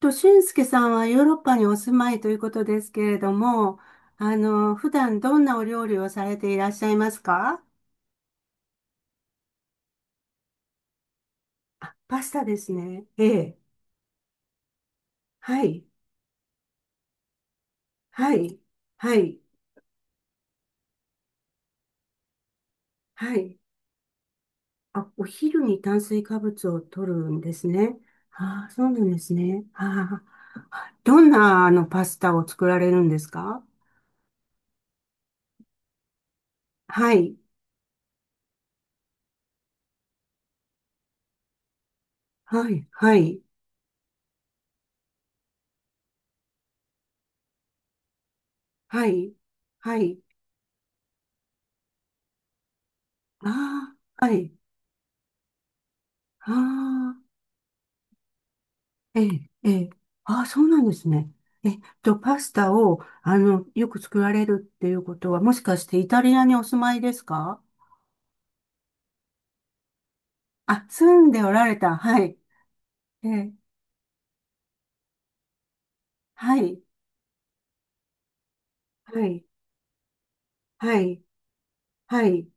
と、俊介さんはヨーロッパにお住まいということですけれども、普段どんなお料理をされていらっしゃいますか？あ、パスタですね。ええ。はい。はい。はい。はい。あ、お昼に炭水化物を摂るんですね。ああ、そうなんですね。ああ。どんな、パスタを作られるんですか？はい。はい。はい。はい。はい。ああ。はい。ああ。ええ、ええ。ああ、そうなんですね。パスタを、よく作られるっていうことは、もしかしてイタリアにお住まいですか？あ、住んでおられた。はい。ええ、はい。はい。はい。はい。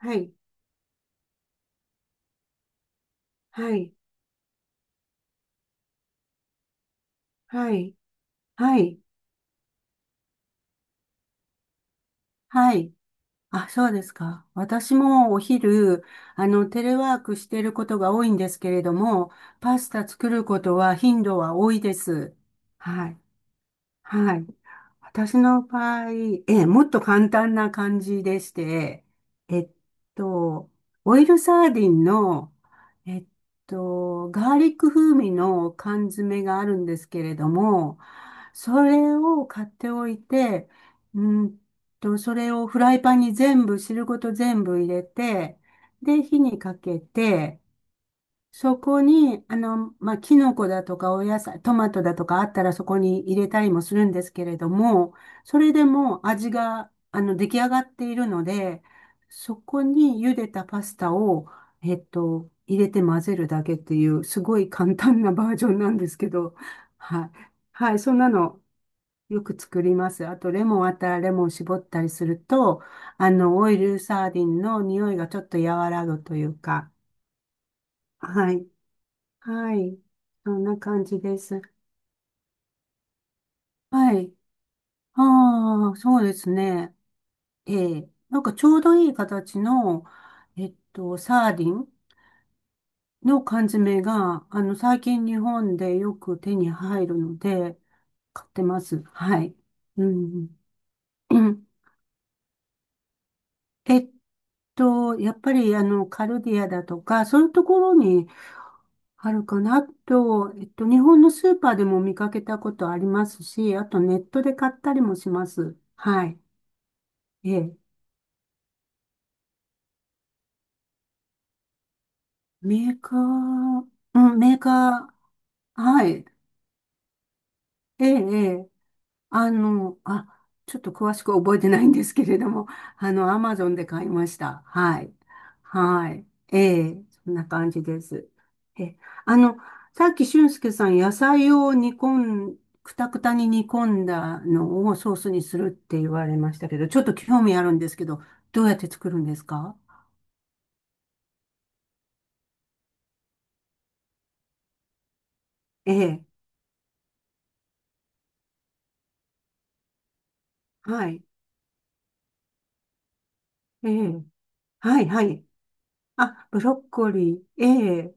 はい。はい。はい。はい。はい。あ、そうですか。私もお昼、テレワークしていることが多いんですけれども、パスタ作ることは頻度は多いです。はい。はい。私の場合、ええ、もっと簡単な感じでして、えっと、オイルサーディンの、えっガーリック風味の缶詰があるんですけれども、それを買っておいて、うんそれをフライパンに全部、汁ごと全部入れて、で、火にかけて、そこに、まあ、キノコだとかお野菜、トマトだとかあったらそこに入れたりもするんですけれども、それでも味が、出来上がっているので、そこに茹でたパスタを、入れて混ぜるだけっていう、すごい簡単なバージョンなんですけど、はい。はい、そんなのよく作ります。あと、レモンあったらレモン絞ったりすると、オイルサーディンの匂いがちょっと和らぐというか、はい。はい。そんな感じです。はい。ああ、そうですね。ええ。なんかちょうどいい形の、サーディンの缶詰が、最近日本でよく手に入るので、買ってます。はい。うん。えっやっぱり、カルディアだとか、そういうところにあるかなと、日本のスーパーでも見かけたことありますし、あとネットで買ったりもします。はい。ええ、メーカー、うん、メーカー、はい、ええ、ええあの、あ、ちょっと詳しく覚えてないんですけれども、アマゾンで買いました。はい、はい、ええ、そんな感じです。え、あの、さっき俊介さん、野菜を煮込ん、くたくたに煮込んだのをソースにするって言われましたけど、ちょっと興味あるんですけど、どうやって作るんですか？ええ、はい、ええ、はい、はい。あ、ブロッコリー。ええ、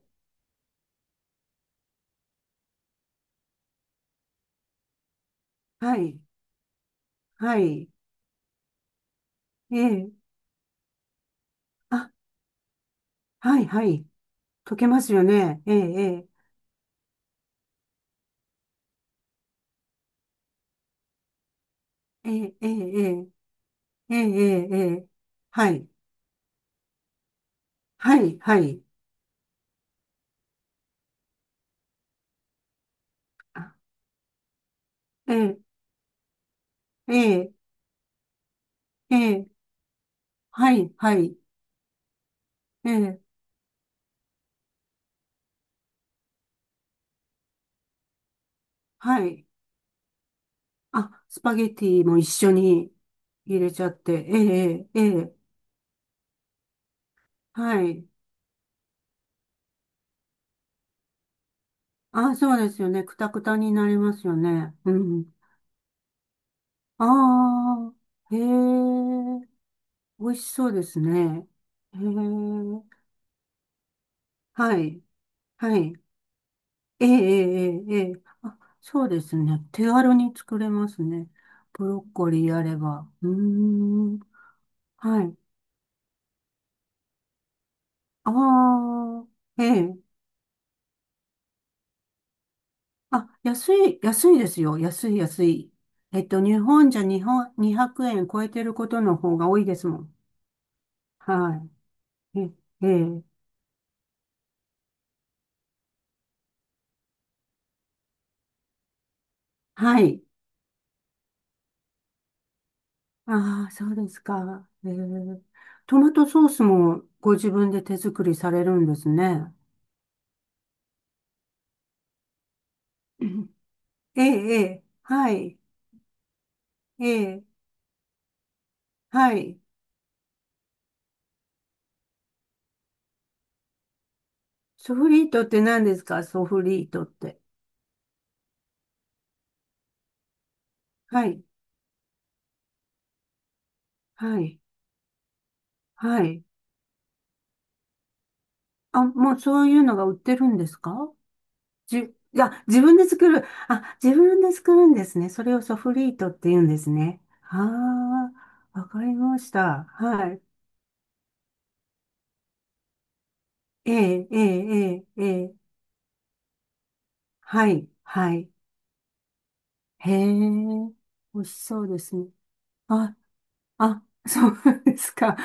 はい、はい、ええ、あ、はい、はい。溶けますよね。ええ、ええ、ええ、ええ、ええ、ええ、ええ、はい、はい、はい。あ、ええ、ええ、ええ、はい、はい、ええ、はい。あ、スパゲティも一緒に入れちゃって。ええ、ええ、ええ、はい。あ、そうですよね。くたくたになりますよね。うん。ああ、へえ。美味しそうですね。へえ、はい、はい。ええ、ええ、ええ。あ、そうですね。手軽に作れますね。ブロッコリーあれば。うーん、はい。ああ、ええ。あ、安い、安いですよ。安い、安い。日本じゃ日本、200円超えてることの方が多いですもん。はい。え、ええ、はい。ああ、そうですか。トマトソースもご自分で手作りされるんですね。うん、ええ、ええ、はい、ええ、はい。ソフリートって何ですか？ソフリートって。はい、はい、はい。あ、もうそういうのが売ってるんですか？じ、いや、自分で作る。あ、自分で作るんですね。それをソフリートって言うんですね。ああ、わかりました。はい。ええ、ええ、ええ、ええ、はい、はい。へえ、美味しそうですね。あ、あ、そうですか。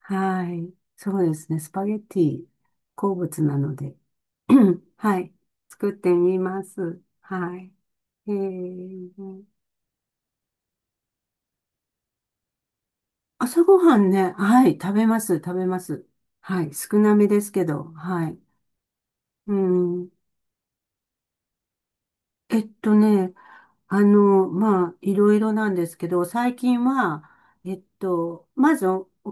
はい。そうですね。スパゲッティ、好物なので。はい。作ってみます。はい。えー、朝ごはんね、はい、食べます、食べます。はい、少なめですけど、はい。うん。えっとね、まあ、いろいろなんですけど、最近は、まず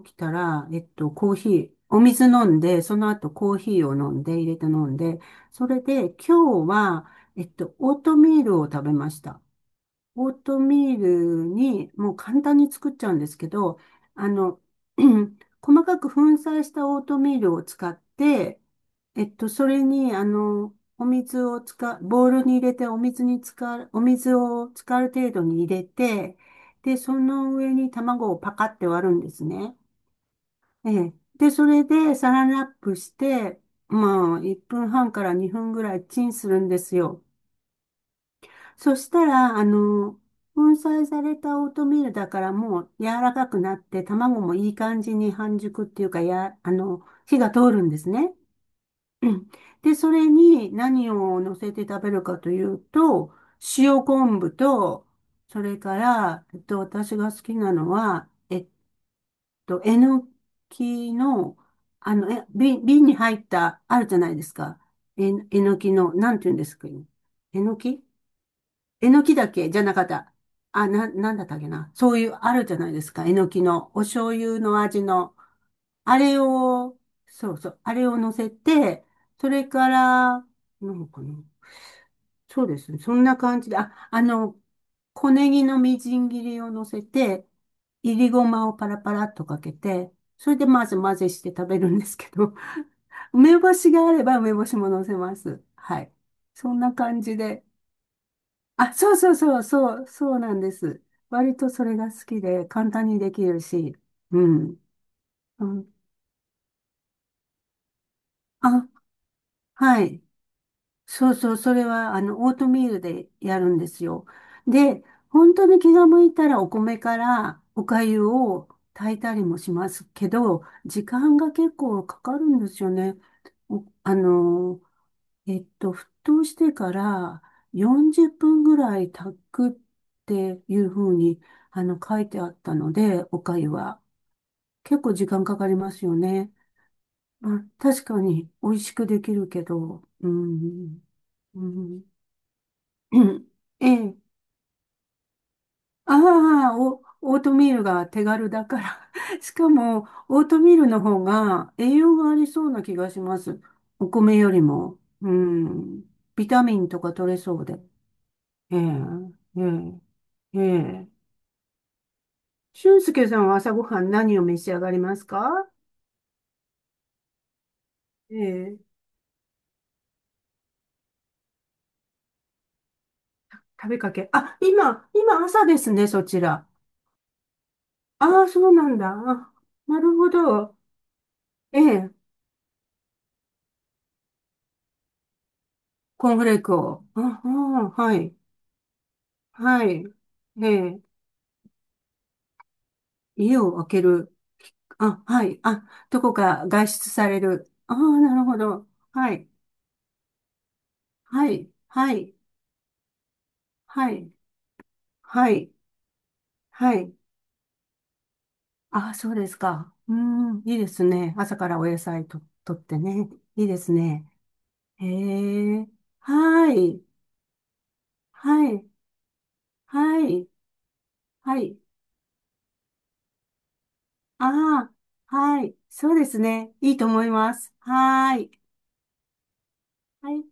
起きたら、コーヒー、お水飲んで、その後コーヒーを飲んで、入れて飲んで、それで今日は、オートミールを食べました。オートミールに、もう簡単に作っちゃうんですけど、あの、細かく粉砕したオートミールを使って、それに、お水を使う、ボウルに入れて、お水に使う、お水を使う程度に入れて、で、その上に卵をパカって割るんですね。ええ。で、それでサランラップして、まあ、1分半から2分ぐらいチンするんですよ。そしたら、粉砕されたオートミールだからもう柔らかくなって、卵もいい感じに半熟っていうか、や、火が通るんですね。うん、で、それに何を乗せて食べるかというと、塩昆布と、それから、私が好きなのは、えのきの、え、瓶、瓶に入った、あるじゃないですか。え、えのきの、なんて言うんですかね。えのき、えのきだっけ、じゃなかった。あ、な、なんだったっけな。そういう、あるじゃないですか。えのきの、お醤油の味の。あれを、そうそう、あれを乗せて、それから、なんかな。そうですね。そんな感じで、あ、小ネギのみじん切りを乗せて、いりごまをパラパラっとかけて、それでまず混ぜして食べるんですけど、梅干しがあれば梅干しも乗せます。はい。そんな感じで。あ、そうそうそう、そう、そうなんです。割とそれが好きで、簡単にできるし、うん。うん、あ、はい。そうそう、それは、オートミールでやるんですよ。で、本当に気が向いたらお米からお粥を炊いたりもしますけど、時間が結構かかるんですよね。おあの、沸騰してから40分ぐらい炊くっていうふうに、書いてあったので、お粥は。結構時間かかりますよね。まあ、確かに美味しくできるけど、うん、うん、ええ、ああ、オートミールが手軽だから。しかも、オートミールの方が栄養がありそうな気がします。お米よりも。うん、ビタミンとか取れそうで。ええ、ええ、ええ。俊介さんは朝ごはん何を召し上がりますか？ええ、食べかけ。あ、今、今朝ですね、そちら。ああ、そうなんだ。あ、なるほど。ええ、コーンフレークを。あ、ああ、はい、はい。ええ、家を開ける。あ、はい。あ、どこか外出される。ああ、なるほど。はい、はい、はい、はい、はい、はい。あ、そうですか。うん、いいですね。朝からお野菜と、とってね。いいですね。へえ。はい。はい。はい。はい。ああ、はい。そうですね。いいと思います。はーい。はい。